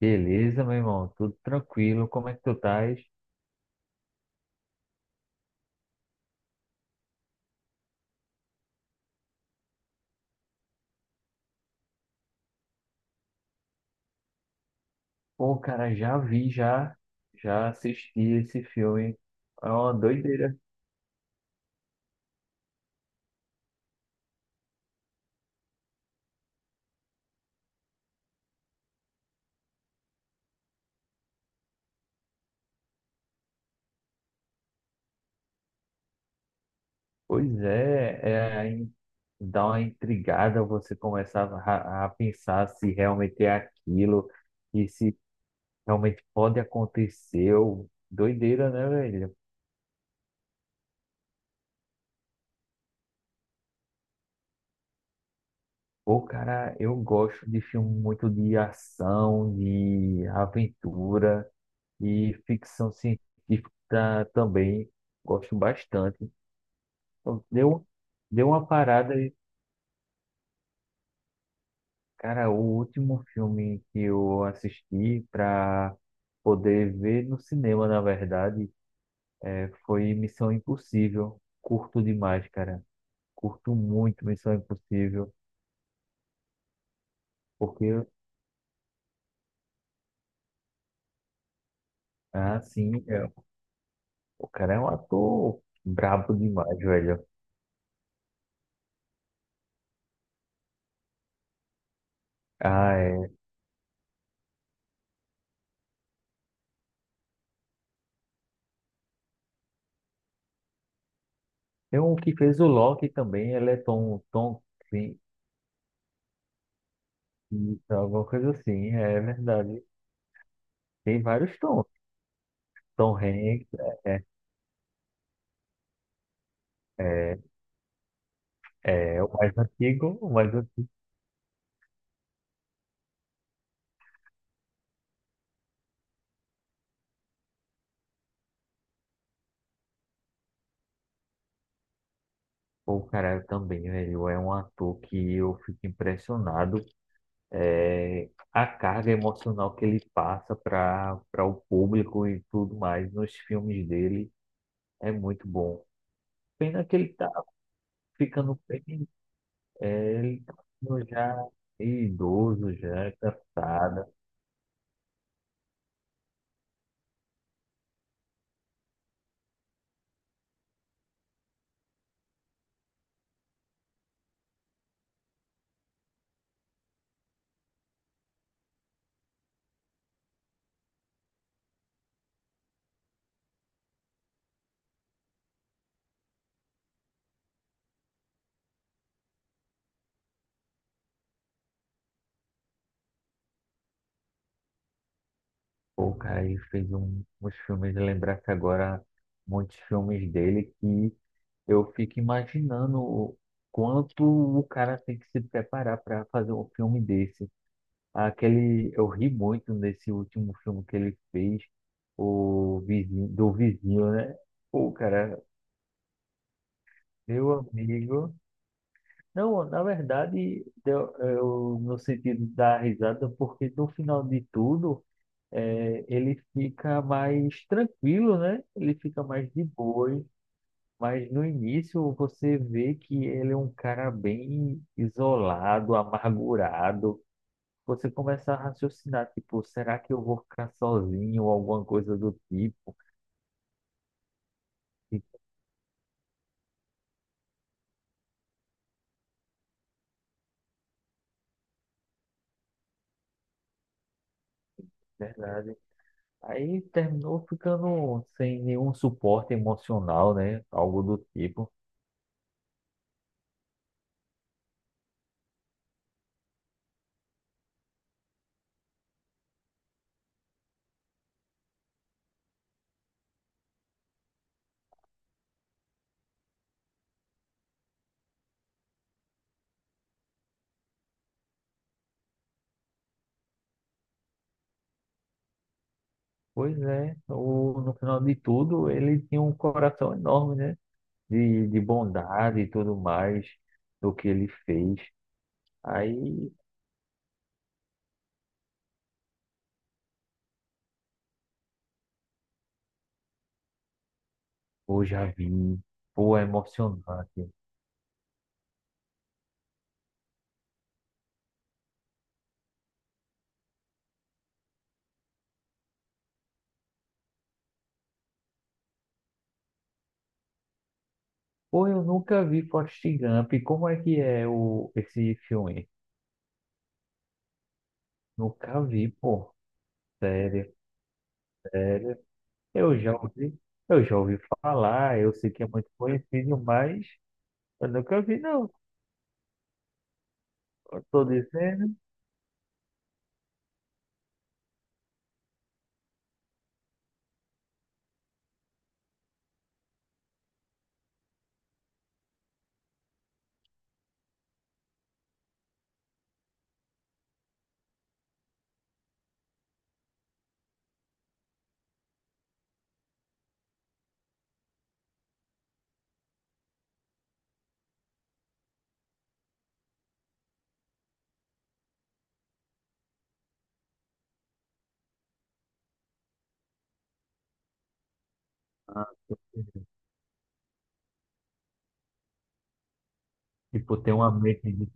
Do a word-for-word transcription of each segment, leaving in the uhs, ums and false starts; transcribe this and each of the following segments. Beleza, meu irmão, tudo tranquilo, como é que tu estás? Pô, cara, já vi, já, já assisti esse filme, é uma doideira. Pois é, é aí dá uma intrigada você começar a, a pensar se realmente é aquilo e se realmente pode acontecer. Ô, doideira, né, velho? Pô, cara, eu gosto de filme muito de ação, de aventura. E ficção científica também gosto bastante. Então, Deu, deu uma parada, e, cara, o último filme que eu assisti para poder ver no cinema, na verdade, é, foi Missão Impossível. Curto demais, cara. Curto muito Missão Impossível, porque, assim, é, o cara é um ator brabo demais, velho. Ah, é. Tem um que fez o Loki também, ele é Tom, Tom, isso, alguma coisa assim, é verdade. Tem vários tons. Tom Hanks é, é, é, é o mais antigo, o mais antigo. Pô, caralho, também, velho, é um ator que eu fico impressionado. É, a carga emocional que ele passa para para o público e tudo mais nos filmes dele é muito bom. Pena que ele tá ficando bem, é, ele tá ficando já idoso, já cansado. Pô, o cara, ele fez um, uns filmes, lembrar que agora muitos filmes dele que eu fico imaginando o quanto o cara tem que se preparar para fazer um filme desse. Aquele, eu ri muito nesse último filme que ele fez, o vizinho, do vizinho, né? Pô, cara, meu amigo. Não, na verdade, deu- eu, no sentido da risada, porque no final de tudo. É, ele fica mais tranquilo, né? Ele fica mais de boas. Mas no início você vê que ele é um cara bem isolado, amargurado. Você começa a raciocinar, tipo, será que eu vou ficar sozinho ou alguma coisa do tipo? E, Verdade. Aí terminou ficando sem nenhum suporte emocional, né? Algo do tipo. Pois é, o, no final de tudo, ele tinha um coração enorme, né? de, de bondade e tudo mais do que ele fez. Aí, pô, já vi, pô, é emocionante. Pô, eu nunca vi Forrest Gump. Como é que é o, esse filme? Nunca vi, pô. Sério, sério. Eu já ouvi, eu já ouvi falar, eu sei que é muito conhecido, mas eu nunca vi, não. Eu tô dizendo. Ah, tô dizendo. Tipo, tem uma mente de...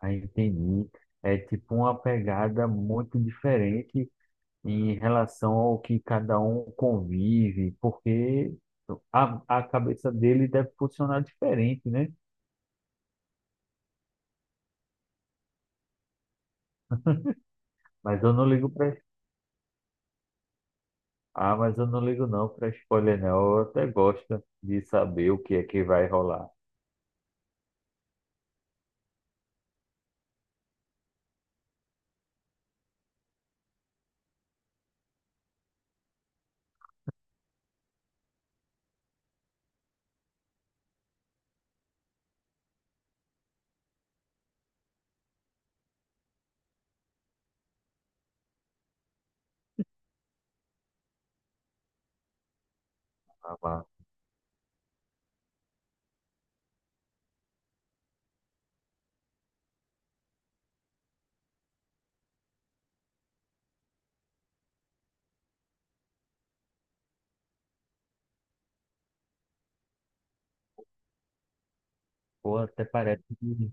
Ah, entendi. É tipo uma pegada muito diferente em relação ao que cada um convive, porque a, a cabeça dele deve funcionar diferente, né? Mas eu não ligo para ah, mas eu não ligo não para spoiler não. Eu até gosto de saber o que é que vai rolar. Ah, mas, ou até parece que-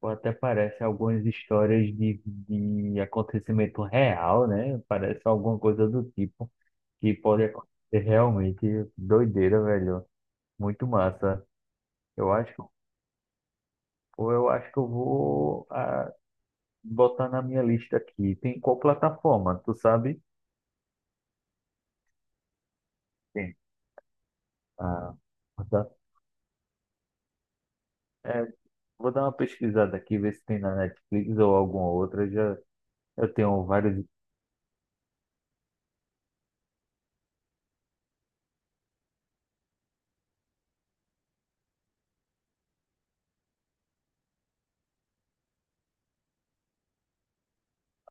ou até parece algumas histórias de, de acontecimento real, né? Parece alguma coisa do tipo que pode acontecer realmente doideira, velho. Muito massa. Eu acho Ou eu acho que eu vou ah, botar na minha lista aqui. Tem qual plataforma? Tu sabe? tem Ah, vou dar é, vou dar uma pesquisada aqui, ver se tem na Netflix ou alguma outra. Já, eu tenho vários.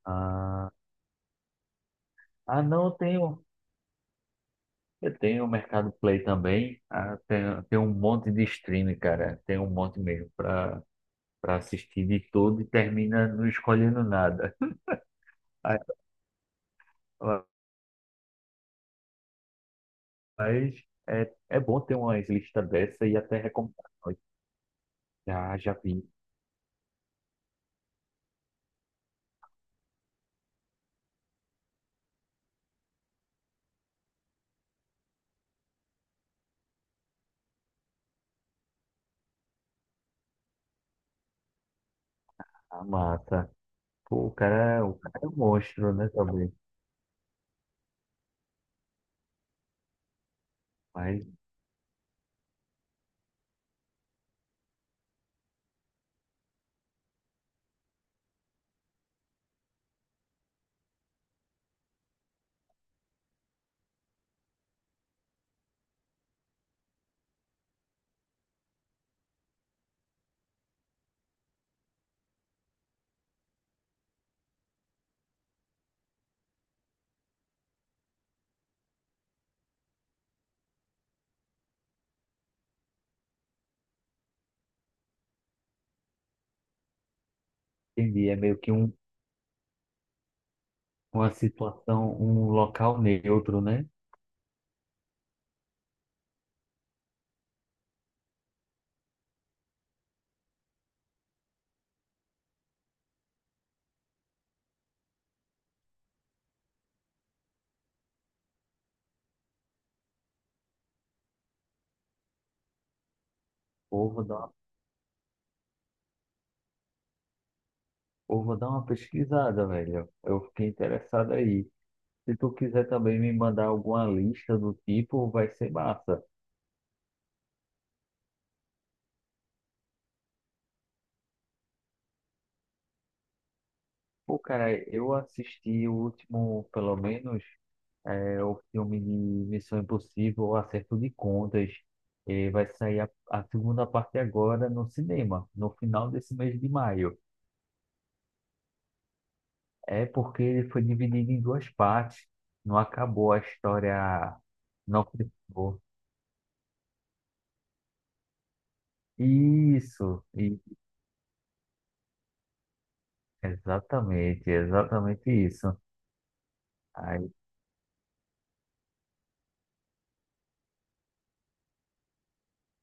Ah, ah, não, eu tenho. Eu tenho o Mercado Play também. Ah, tem, tem um monte de streaming, cara. Tem um monte mesmo para para assistir de tudo e termina não escolhendo nada. Ah, Mas é, é bom ter uma lista dessa e até recomendar. Já, já vi. A massa. Pô, o cara, o cara é um monstro, né, também. Mas entendi, é meio que um, uma situação, um local neutro, né? Pô, vou dar uma, pô, vou dar uma pesquisada, velho. Eu fiquei interessado aí. Se tu quiser também me mandar alguma lista do tipo, vai ser massa. Pô, cara, eu assisti o último, pelo menos, é, o filme de Missão Impossível, o Acerto de Contas. E vai sair a, a segunda parte agora no cinema, no final desse mês de maio. É porque ele foi dividido em duas partes. Não acabou a história, não acabou. Isso, e- exatamente, exatamente isso. Aí,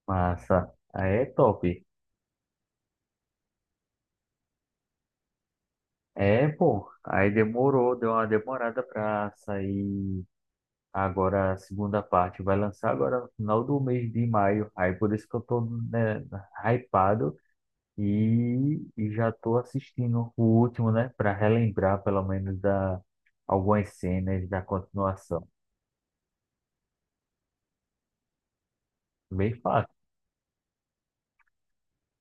massa. Aí é top. É, pô, aí demorou, deu uma demorada pra sair agora a segunda parte. Vai lançar agora no final do mês de maio. Aí por isso que eu tô, né, hypado e, e já tô assistindo o último, né, pra relembrar pelo menos da algumas cenas da continuação. Bem fácil.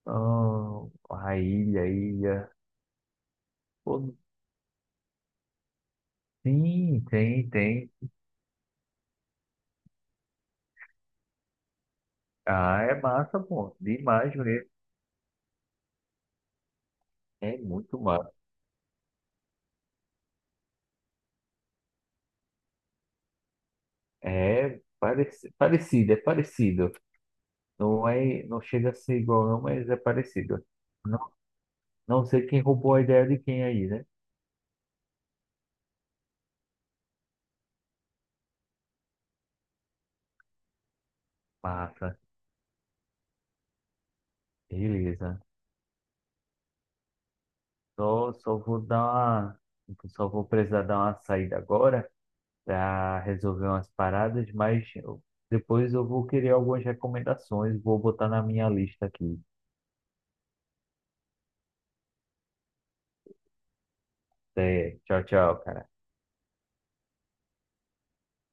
Ah, a ilha, a ilha. Pô, sim, tem, tem. Ah, é massa, pô, demais mesmo. É muito massa. É pareci- parecido, é parecido. Não é, não chega a ser igual, não, mas é parecido. Não, não sei quem roubou a ideia de quem aí, né? Massa, beleza. Só, só vou dar uma, só vou precisar dar uma saída agora para resolver umas paradas, mas eu- depois eu vou querer algumas recomendações, vou botar na minha lista aqui. Até, tchau, tchau, cara.